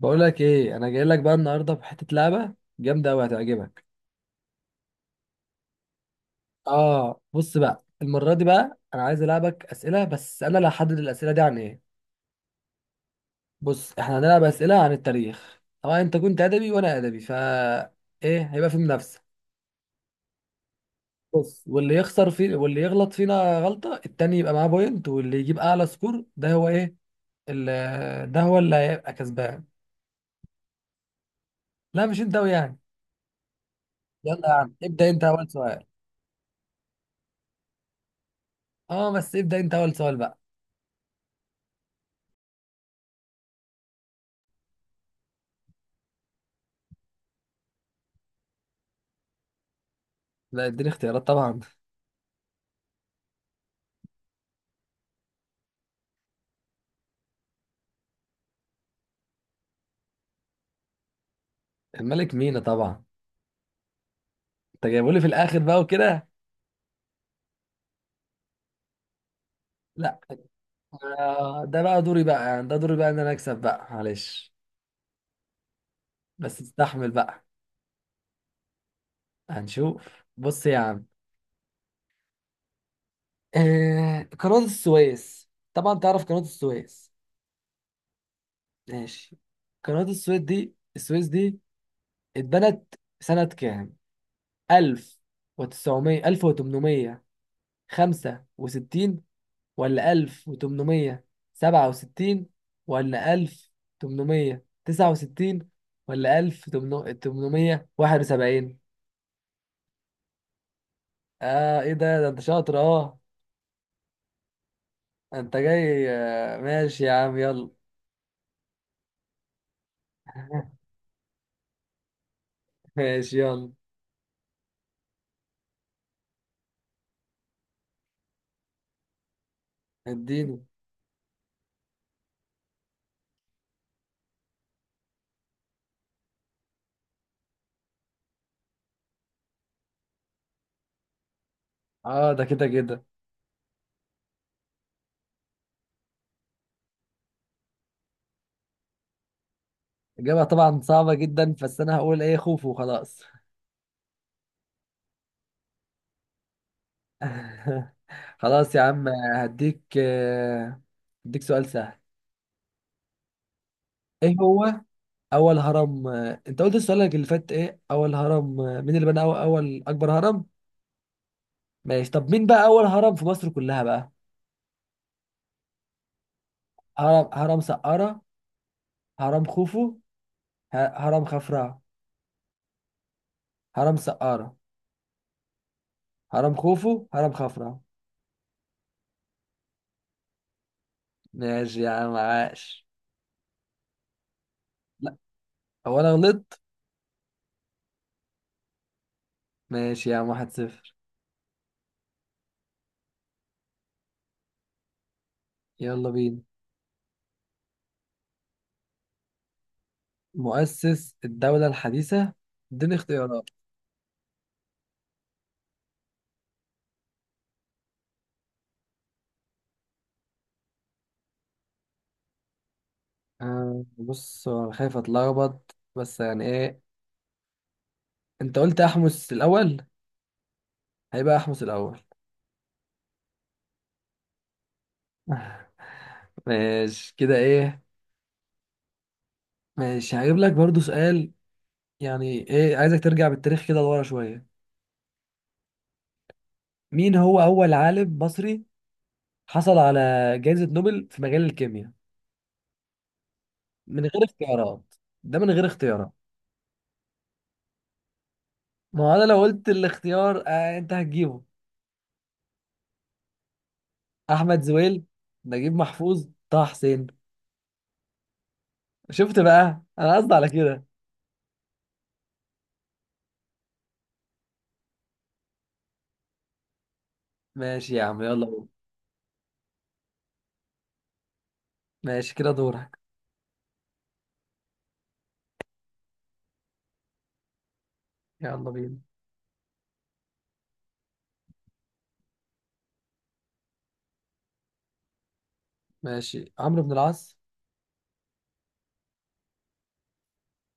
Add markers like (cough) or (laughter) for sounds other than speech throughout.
بقول لك ايه، انا جاي لك بقى النهارده بحته لعبه جامده قوي هتعجبك. اه، بص بقى، المره دي بقى انا عايز العبك اسئله، بس انا اللي هحدد الاسئله دي عن ايه. بص، احنا هنلعب اسئله عن التاريخ، طبعا انت كنت ادبي وانا ادبي ايه، هيبقى في منافسه. بص، واللي يخسر فيه واللي يغلط فينا غلطه التاني يبقى معاه بوينت، واللي يجيب اعلى سكور ده هو ايه، ده هو اللي هيبقى كسبان. لا مش انت ويعني. يلا يا عم ابدا، انت اول سؤال. اه بس ابدا، انت اول سؤال بقى. لا، اديني اختيارات طبعا. الملك مينا طبعا. انت جايبه لي في الاخر بقى وكده. لا، ده بقى دوري بقى، يعني ده دوري بقى ان انا اكسب بقى، معلش. بس استحمل بقى. هنشوف، بص يا عم. آه، قناة السويس طبعا، تعرف قناة السويس؟ ماشي. قناة السويس دي، السويس دي اتبنت سنة كام؟ 1900، 1865، ولا 1867، ولا 1869، ولا 1871؟ اه، ايه ده انت شاطر اه. انت جاي، ماشي يا عم يلا. (laughs) ماشي يلا. اديني. اه ده كده كده. اجابة طبعا صعبة جدا، بس انا هقول ايه، خوف وخلاص. (laughs) خلاص يا عم. هديك آه، هديك سؤال سهل. ايه هو؟ اول هرم آه، انت قلت سؤالك اللي فات ايه؟ اول هرم آه، مين اللي بنى اول اكبر هرم؟ ماشي، طب مين بقى اول هرم في مصر كلها بقى؟ هرم سقارة، هرم خوفو، هرم خفرع. هرم سقارة، هرم خوفو، هرم خفرع. ماشي يا عم، عاش. لا، هو انا غلطت. ماشي يا عم، واحد صفر. يلا بينا. مؤسس الدولة الحديثة. اديني اختيارات. آه بص، هو انا خايف اتلخبط، بس يعني ايه، انت قلت احمس الاول. هيبقى احمس الاول. ماشي كده، ايه. ماشي، هجيب لك برضو سؤال. يعني ايه، عايزك ترجع بالتاريخ كده لورا شوية. مين هو أول عالم مصري حصل على جائزة نوبل في مجال الكيمياء؟ من غير اختيارات. ده من غير اختيارات. ما هو أنا لو قلت الاختيار آه أنت هتجيبه. أحمد زويل، نجيب محفوظ، طه حسين. شفت بقى، أنا قصدي على كده. ماشي يا عم، يلا قول. ماشي كده دورك. يلا بينا. ماشي، عمرو بن العاص.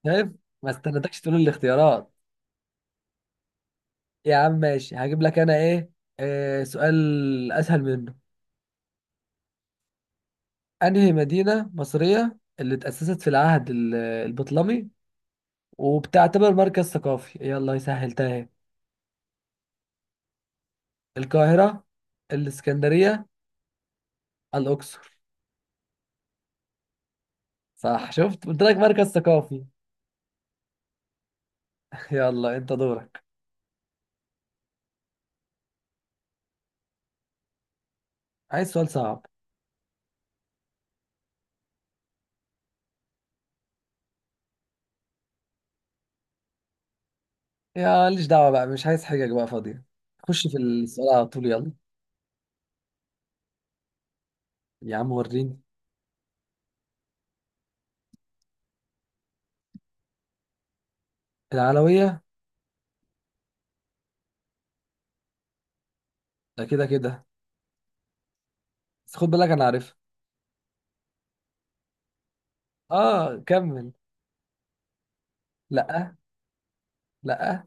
شايف، ما استنيتكش تقول الاختيارات. يا عم ماشي، هجيب لك انا ايه، آه سؤال اسهل منه. انهي مدينة مصرية اللي اتأسست في العهد البطلمي وبتعتبر مركز ثقافي؟ يلا سهلتها اهي. القاهرة، الاسكندرية، الاقصر. صح، شفت، قلت لك مركز ثقافي. (laughs) يلا انت دورك. عايز سؤال صعب. يا ليش دعوة بقى، مش عايز حاجة بقى فاضية. خش في السؤال على طول يلا. يا عم وريني. العلوية. ده كده كده. بس خد بالك انا عارفها. اه كمل. لا، لا،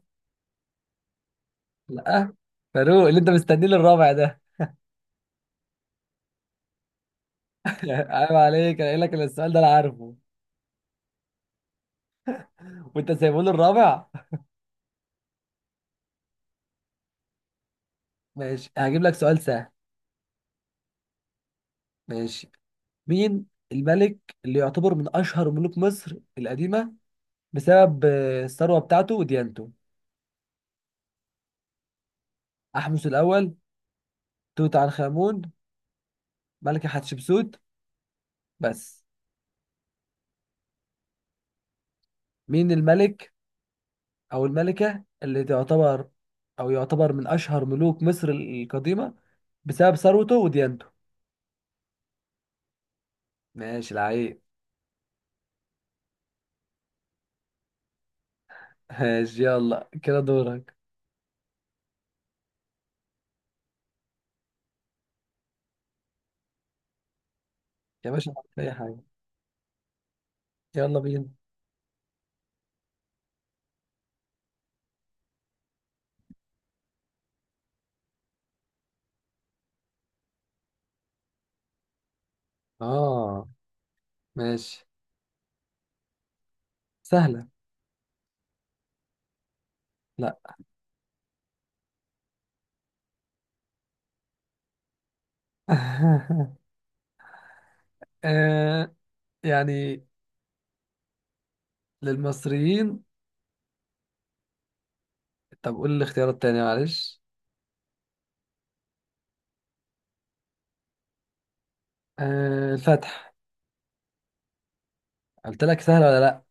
لا. فاروق اللي انت مستنيه للرابع ده. (laughs) عيب عليك، انا قايل لك إن السؤال ده انا عارفه، وانت سايبه لي الرابع. ماشي، هجيب لك سؤال سهل. ماشي. مين الملك اللي يعتبر من اشهر ملوك مصر القديمه بسبب الثروه بتاعته وديانته؟ احمس الاول، توت عنخ امون، ملكه حتشبسوت، بس. مين الملك او الملكه اللي تعتبر او يعتبر من اشهر ملوك مصر القديمه بسبب ثروته وديانته؟ ماشي العيب. ماشي يلا كده دورك. يا باشا معاك في أي حاجة. يلا بينا. آه ماشي. سهلة. لا. (laughs) آه يعني. للمصريين. طب قول لي الاختيار التاني معلش. آه، الفتح. قلت لك سهلة ولا لا؟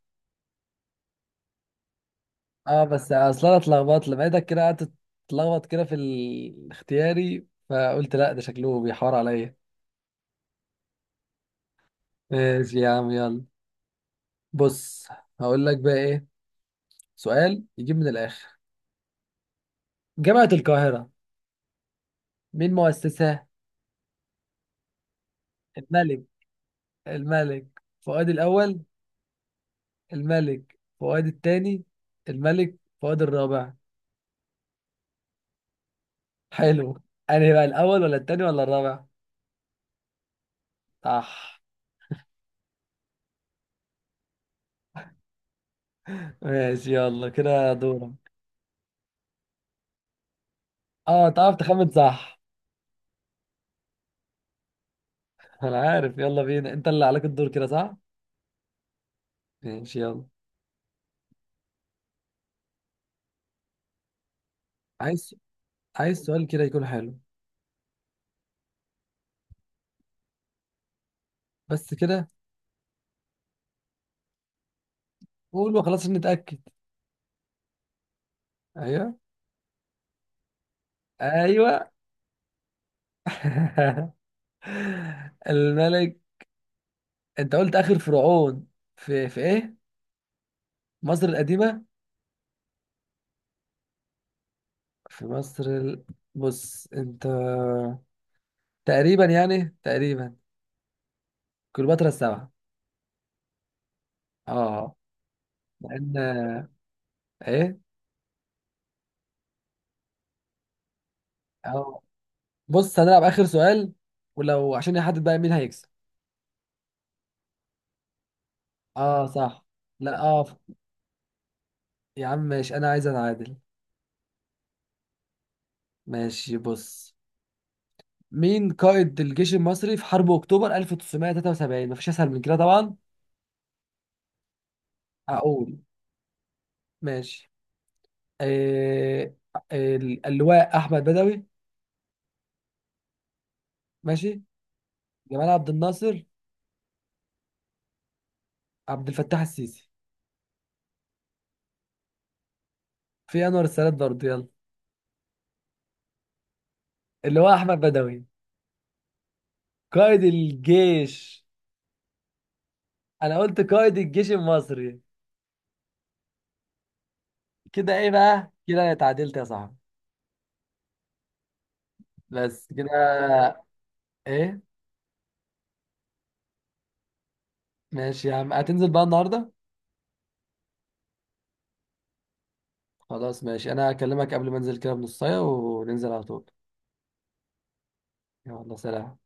اه، بس اصل انا اتلخبطت، لقيتك كده قعدت تتلخبط كده في الاختياري، فقلت لا ده شكله بيحور عليا. ماشي يا عم يلا. بص، هقول لك بقى ايه، سؤال يجيب من الاخر. جامعة القاهرة، مين مؤسسها؟ الملك، الملك فؤاد الأول، الملك فؤاد الثاني، الملك فؤاد الرابع. حلو. أنهي بقى، الأول ولا الثاني ولا الرابع؟ صح. ماشي يلا كده دورك. اه، تعرف تخمن صح. أنا عارف، يلا بينا، أنت اللي عليك الدور كده صح؟ ماشي يلا. عايز عايز سؤال كده يكون حلو. بس كده. قول وخلاص عشان نتأكد. أيوه. أيوه. (laughs) الملك. أنت قلت آخر فرعون في إيه، مصر القديمة. في مصر بص انت، تقريبا يعني تقريبا، كليوباترا السبعة. اه. لان، ايه. اه بص، هنلعب اخر سؤال، ولو عشان يحدد بقى مين هيكسب. اه صح. لا اه، يا عم ماشي، انا عايز اتعادل. ماشي بص، مين قائد الجيش المصري في حرب اكتوبر 1973؟ مفيش اسهل من كده طبعا. هقول. ماشي. إيه... اللواء احمد بدوي، ماشي، جمال عبد الناصر، عبد الفتاح السيسي. في انور السادات برضه يلا. اللي هو احمد بدوي، قائد الجيش. انا قلت قائد الجيش المصري. كده ايه بقى، كده انا اتعادلت يا صاحبي. بس كده. ايه. ماشي يا عم، هتنزل بقى النهارده. خلاص ماشي، انا هكلمك قبل ما انزل كده بنص ساعه وننزل على طول. يلا سلام.